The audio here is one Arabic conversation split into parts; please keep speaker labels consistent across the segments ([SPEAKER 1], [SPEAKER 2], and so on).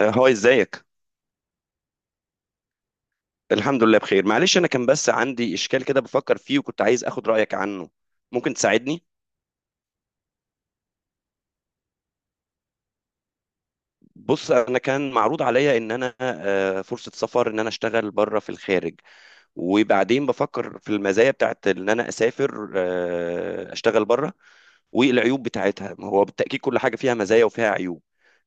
[SPEAKER 1] هاي ازيك. الحمد لله بخير، معلش، انا كان بس عندي اشكال كده بفكر فيه وكنت عايز اخد رايك عنه. ممكن تساعدني؟ بص، انا كان معروض عليا ان انا فرصه سفر، ان انا اشتغل بره في الخارج. وبعدين بفكر في المزايا بتاعت ان انا اسافر اشتغل بره، والعيوب بتاعتها. ما هو بالتاكيد كل حاجه فيها مزايا وفيها عيوب.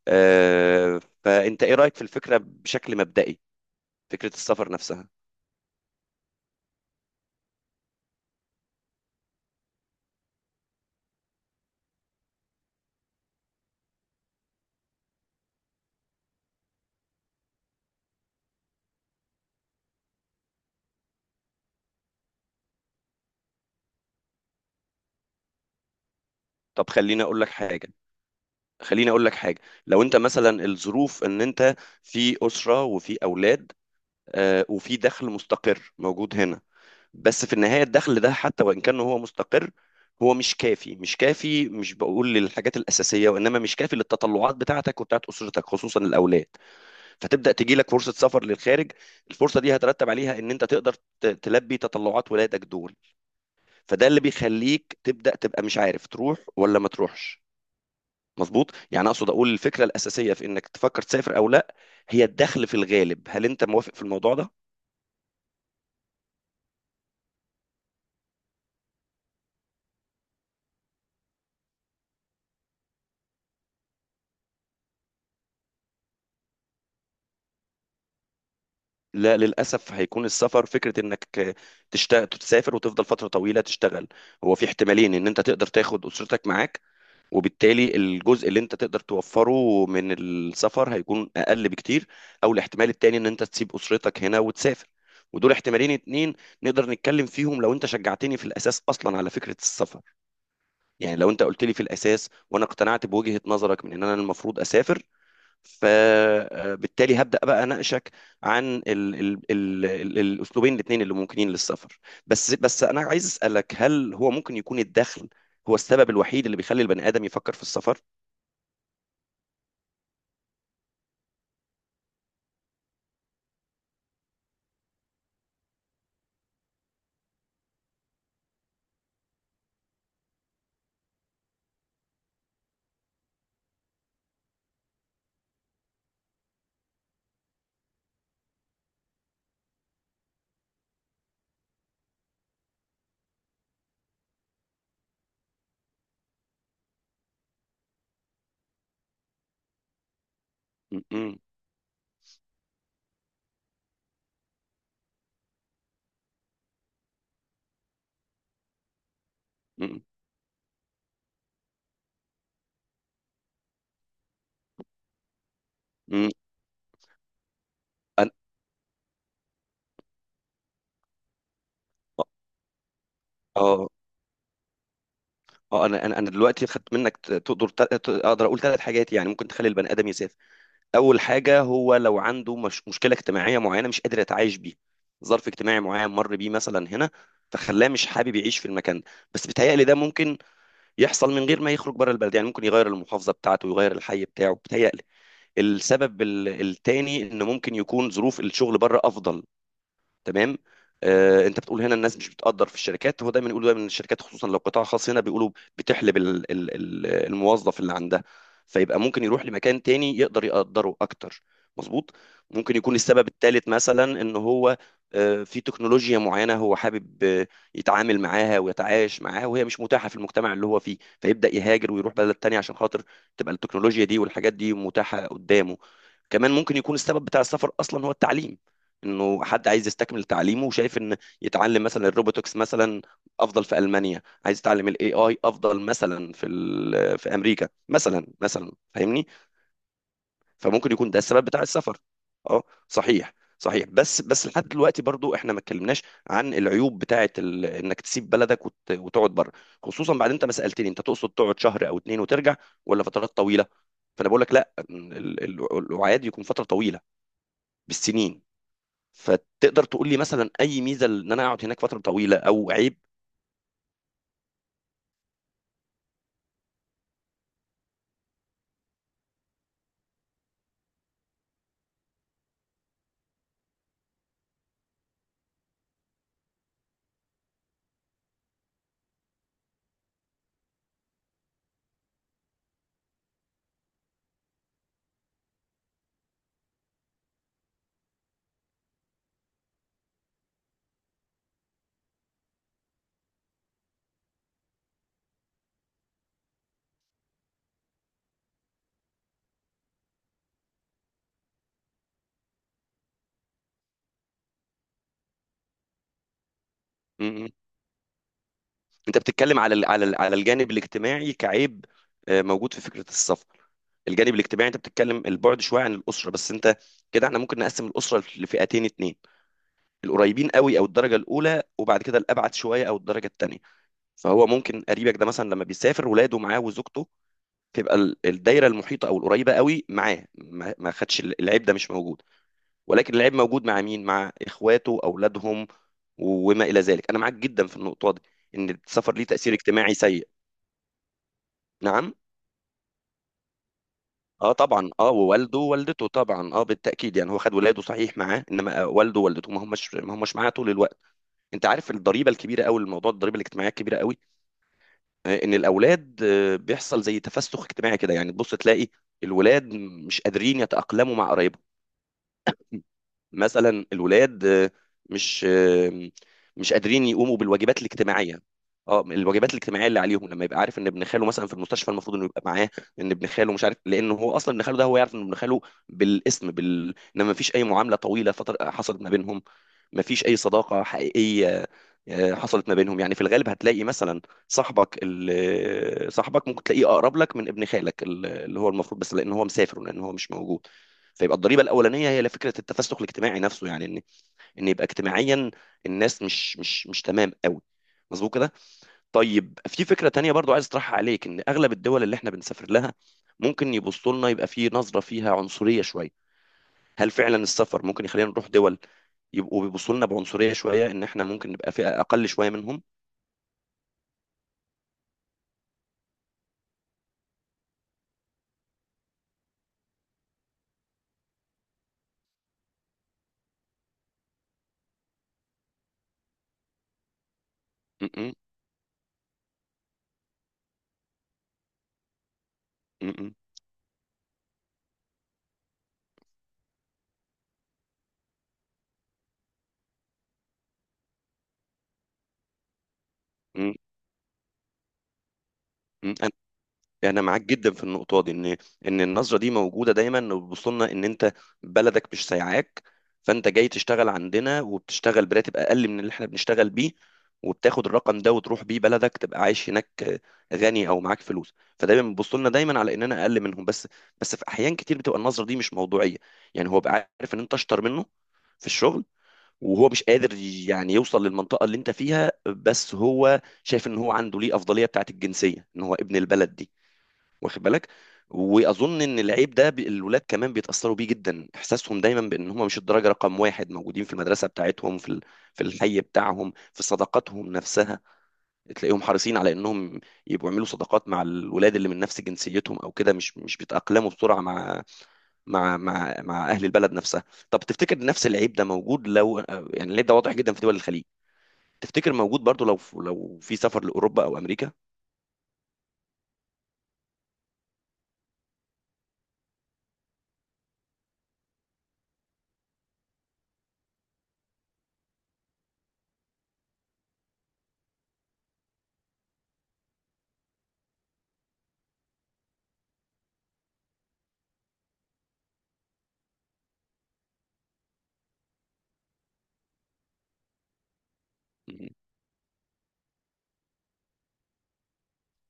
[SPEAKER 1] فانت ايه رايك في الفكره بشكل مبدئي، فكره السفر نفسها؟ طب خليني اقول لك حاجه. خليني اقول لك حاجه. لو انت مثلا الظروف ان انت في اسره وفي اولاد، وفي دخل مستقر موجود هنا. بس في النهايه الدخل ده حتى وان كان هو مستقر، هو مش كافي مش كافي. مش بقول للحاجات الاساسيه، وانما مش كافي للتطلعات بتاعتك وبتاعت اسرتك، خصوصا الاولاد. فتبدا تجي لك فرصه سفر للخارج. الفرصه دي هترتب عليها ان انت تقدر تلبي تطلعات ولادك دول. فده اللي بيخليك تبدا تبقى مش عارف تروح ولا ما تروحش. مظبوط؟ يعني اقصد اقول الفكره الاساسيه في انك تفكر تسافر او لا، هي الدخل في الغالب. هل انت موافق في الموضوع ده؟ لا، للاسف هيكون السفر فكره انك تشتغل، تسافر وتفضل فتره طويله تشتغل. هو في احتمالين، ان انت تقدر تاخد اسرتك معاك، وبالتالي الجزء اللي انت تقدر توفره من السفر هيكون اقل بكتير. او الاحتمال التاني ان انت تسيب اسرتك هنا وتسافر. ودول احتمالين اتنين نقدر نتكلم فيهم لو انت شجعتني في الاساس اصلا على فكره السفر. يعني لو انت قلت لي في الاساس وانا اقتنعت بوجهة نظرك من ان انا المفروض اسافر، فبالتالي هبدا بقى اناقشك عن ال ال ال ال الاسلوبين الاثنين اللي ممكنين للسفر. بس انا عايز اسالك، هل هو ممكن يكون الدخل هو السبب الوحيد اللي بيخلي البني ادم يفكر في السفر؟ م- م- م- م- أنا- اه، اه، انا دلوقتي خدت منك تقدر اقدر اقول ثلاث حاجات يعني ممكن تخلي البني ادم يسافر. اول حاجه، هو لو عنده مش مشكله اجتماعيه معينه مش قادر يتعايش بيه. ظرف اجتماعي معين مر بيه مثلا هنا، فخلاه مش حابب يعيش في المكان ده. بس بيتهيألي ده ممكن يحصل من غير ما يخرج بره البلد. يعني ممكن يغير المحافظه بتاعته، يغير الحي بتاعه، بيتهيألي. السبب التاني انه ممكن يكون ظروف الشغل بره افضل. تمام. انت بتقول هنا الناس مش بتقدر في الشركات. هو دايما يقولوا دايما إن الشركات خصوصا لو قطاع خاص هنا بيقولوا بتحلب الموظف اللي عندها، فيبقى ممكن يروح لمكان تاني يقدر يقدره اكتر. مظبوط. ممكن يكون السبب الثالث مثلا ان هو في تكنولوجيا معينة هو حابب يتعامل معاها ويتعايش معاها، وهي مش متاحة في المجتمع اللي هو فيه، فيبدأ يهاجر ويروح بلد تانية عشان خاطر تبقى التكنولوجيا دي والحاجات دي متاحة قدامه. كمان ممكن يكون السبب بتاع السفر اصلا هو التعليم. انه حد عايز يستكمل تعليمه وشايف ان يتعلم مثلا الروبوتكس مثلا افضل في المانيا، عايز يتعلم الاي اي افضل مثلا في امريكا مثلا فاهمني. فممكن يكون ده السبب بتاع السفر. اه، صحيح. صحيح. بس لحد دلوقتي برضو احنا ما اتكلمناش عن العيوب بتاعه انك تسيب بلدك وتقعد بره، خصوصا بعد انت ما سالتني انت تقصد تقعد شهر او اتنين وترجع، ولا فترات طويله. فانا بقول لك لا، الوعاد يكون فتره طويله بالسنين. فتقدر تقول لي مثلا اي ميزه ان انا اقعد هناك فتره طويله او عيب؟ م- م. انت بتتكلم على على الجانب الاجتماعي كعيب موجود في فكره السفر. الجانب الاجتماعي انت بتتكلم البعد شويه عن الاسره، بس انت كده احنا ممكن نقسم الاسره لفئتين اتنين، القريبين قوي او الدرجه الاولى، وبعد كده الابعد شويه او الدرجه التانيه. فهو ممكن قريبك ده مثلا لما بيسافر ولاده معاه وزوجته، تبقى الدايره المحيطه او القريبه قوي معاه، ما خدش العيب ده مش موجود. ولكن اللعيب موجود مع مين؟ مع اخواته، اولادهم، وما الى ذلك. انا معاك جدا في النقطه دي، ان السفر ليه تاثير اجتماعي سيء. نعم. اه، طبعا، اه، ووالده ووالدته طبعا، اه، بالتاكيد. يعني هو خد ولاده صحيح معاه، انما والده ووالدته ما همش معاه طول الوقت. انت عارف الضريبه الكبيره قوي، الموضوع الضريبه الاجتماعيه الكبيره قوي، ان الاولاد بيحصل زي تفسخ اجتماعي كده. يعني تبص تلاقي الولاد مش قادرين يتاقلموا مع قرايبهم. مثلا الولاد مش آه، مش قادرين يقوموا بالواجبات الاجتماعيه. اه، الواجبات الاجتماعيه اللي عليهم لما يبقى عارف ان ابن خاله مثلا في المستشفى المفروض انه يبقى معاه. ان ابن خاله مش عارف، لان هو اصلا ابن خاله ده هو يعرف ان ابن خاله بالاسم انما مفيش اي معامله طويله حصلت ما بينهم. مفيش اي صداقه حقيقيه حصلت ما بينهم. يعني في الغالب هتلاقي مثلا صاحبك ال- آه، صاحبك ممكن تلاقيه اقرب لك من ابن خالك اللي هو المفروض، بس لان هو مسافر ولان هو مش موجود. فيبقى الضريبه الاولانيه هي فكره التفسخ الاجتماعي نفسه. يعني ان يبقى اجتماعيا الناس مش تمام قوي. مظبوط كده. طيب، في فكره تانية برضو عايز اطرحها عليك، ان اغلب الدول اللي احنا بنسافر لها ممكن يبصوا لنا، يبقى في نظره فيها عنصريه شويه. هل فعلا السفر ممكن يخلينا نروح دول يبقوا بيبصوا لنا بعنصريه شويه، ان احنا ممكن نبقى فئه اقل شويه منهم؟ م- م- م- م- م- يعني انا معاك جدا في النقطه دي، ان النظره دي موجوده دايما، وبيبصوا لنا ان انت بلدك مش سايعاك، فانت جاي تشتغل عندنا وبتشتغل براتب اقل من اللي احنا بنشتغل بيه، وبتاخد الرقم ده وتروح بيه بلدك تبقى عايش هناك غني او معاك فلوس. فدايما بيبصوا لنا دايما على اننا اقل منهم. بس في احيان كتير بتبقى النظره دي مش موضوعيه. يعني هو بقى عارف ان انت اشطر منه في الشغل، وهو مش قادر يعني يوصل للمنطقه اللي انت فيها، بس هو شايف ان هو عنده ليه افضليه بتاعت الجنسيه، ان هو ابن البلد دي، واخد بالك. واظن ان العيب ده الولاد كمان بيتاثروا بيه جدا، احساسهم دايما بان هم مش الدرجه رقم واحد موجودين في المدرسه بتاعتهم، في الحي بتاعهم، في صداقاتهم نفسها. تلاقيهم حريصين على انهم يبقوا يعملوا صداقات مع الولاد اللي من نفس جنسيتهم او كده، مش بيتاقلموا بسرعه مع اهل البلد نفسها. طب تفتكر نفس العيب ده موجود لو يعني العيب ده واضح جدا في دول الخليج، تفتكر موجود برضو لو في سفر لاوروبا او امريكا؟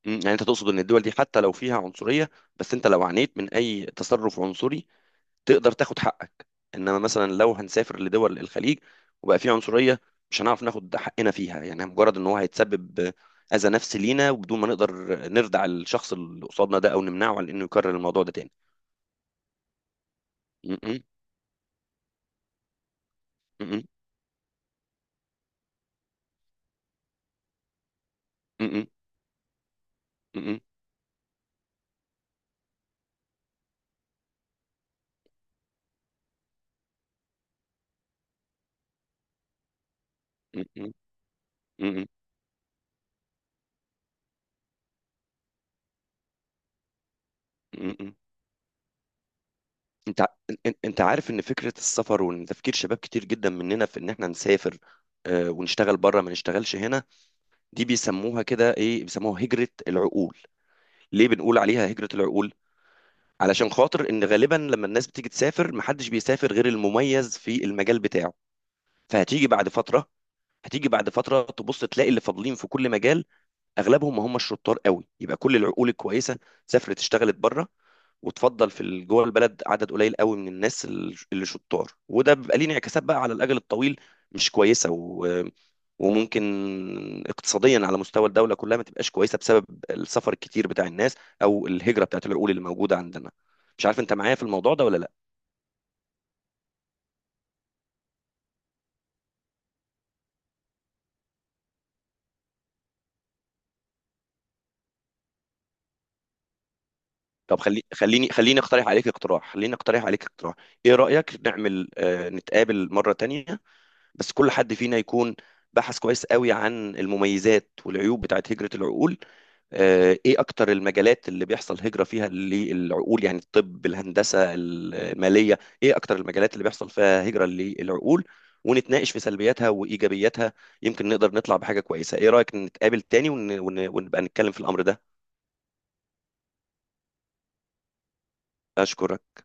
[SPEAKER 1] يعني انت تقصد ان الدول دي حتى لو فيها عنصرية، بس انت لو عانيت من اي تصرف عنصري تقدر تاخد حقك. انما مثلا لو هنسافر لدول الخليج وبقى فيه عنصرية، مش هنعرف ناخد حقنا فيها. يعني مجرد ان هو هيتسبب اذى نفسي لينا وبدون ما نقدر نردع الشخص اللي قصادنا ده او نمنعه عن انه يكرر الموضوع ده تاني. مم، مم، مم، مم، مم، مم، مم، مم، مم، مم. انت ع- انت عارف ان فكرة السفر، وان تفكير شباب كتير جدا مننا في ان احنا نسافر ونشتغل بره ما نشتغلش هنا، دي بيسموها كده ايه، بيسموها هجرة العقول. ليه بنقول عليها هجرة العقول؟ علشان خاطر ان غالبا لما الناس بتيجي تسافر محدش بيسافر غير المميز في المجال بتاعه. فهتيجي بعد فترة، هتيجي بعد فترة تبص تلاقي اللي فاضلين في كل مجال اغلبهم ما هم الشطار قوي. يبقى كل العقول الكويسة سافرت اشتغلت بره، وتفضل جوه البلد عدد قليل قوي من الناس اللي شطار. وده بيبقى ليه انعكاسات بقى على الاجل الطويل مش كويسه وممكن اقتصاديا على مستوى الدوله كلها ما تبقاش كويسه بسبب السفر الكتير بتاع الناس او الهجره بتاعت العقول اللي موجوده عندنا. مش عارف انت معايا في الموضوع ده ولا لا. طب خليني اقترح عليك اقتراح. خليني اقترح عليك اقتراح. ايه رايك نعمل نتقابل مره تانية، بس كل حد فينا يكون بحث كويس قوي عن المميزات والعيوب بتاعت هجره العقول. ايه اكتر المجالات اللي بيحصل هجرة فيها للعقول، يعني الطب الهندسة المالية، ايه اكتر المجالات اللي بيحصل فيها هجرة للعقول؟ ونتناقش في سلبياتها وايجابياتها. يمكن نقدر نطلع بحاجة كويسة. ايه رأيك نتقابل تاني ونبقى نتكلم في الامر ده؟ اشكرك.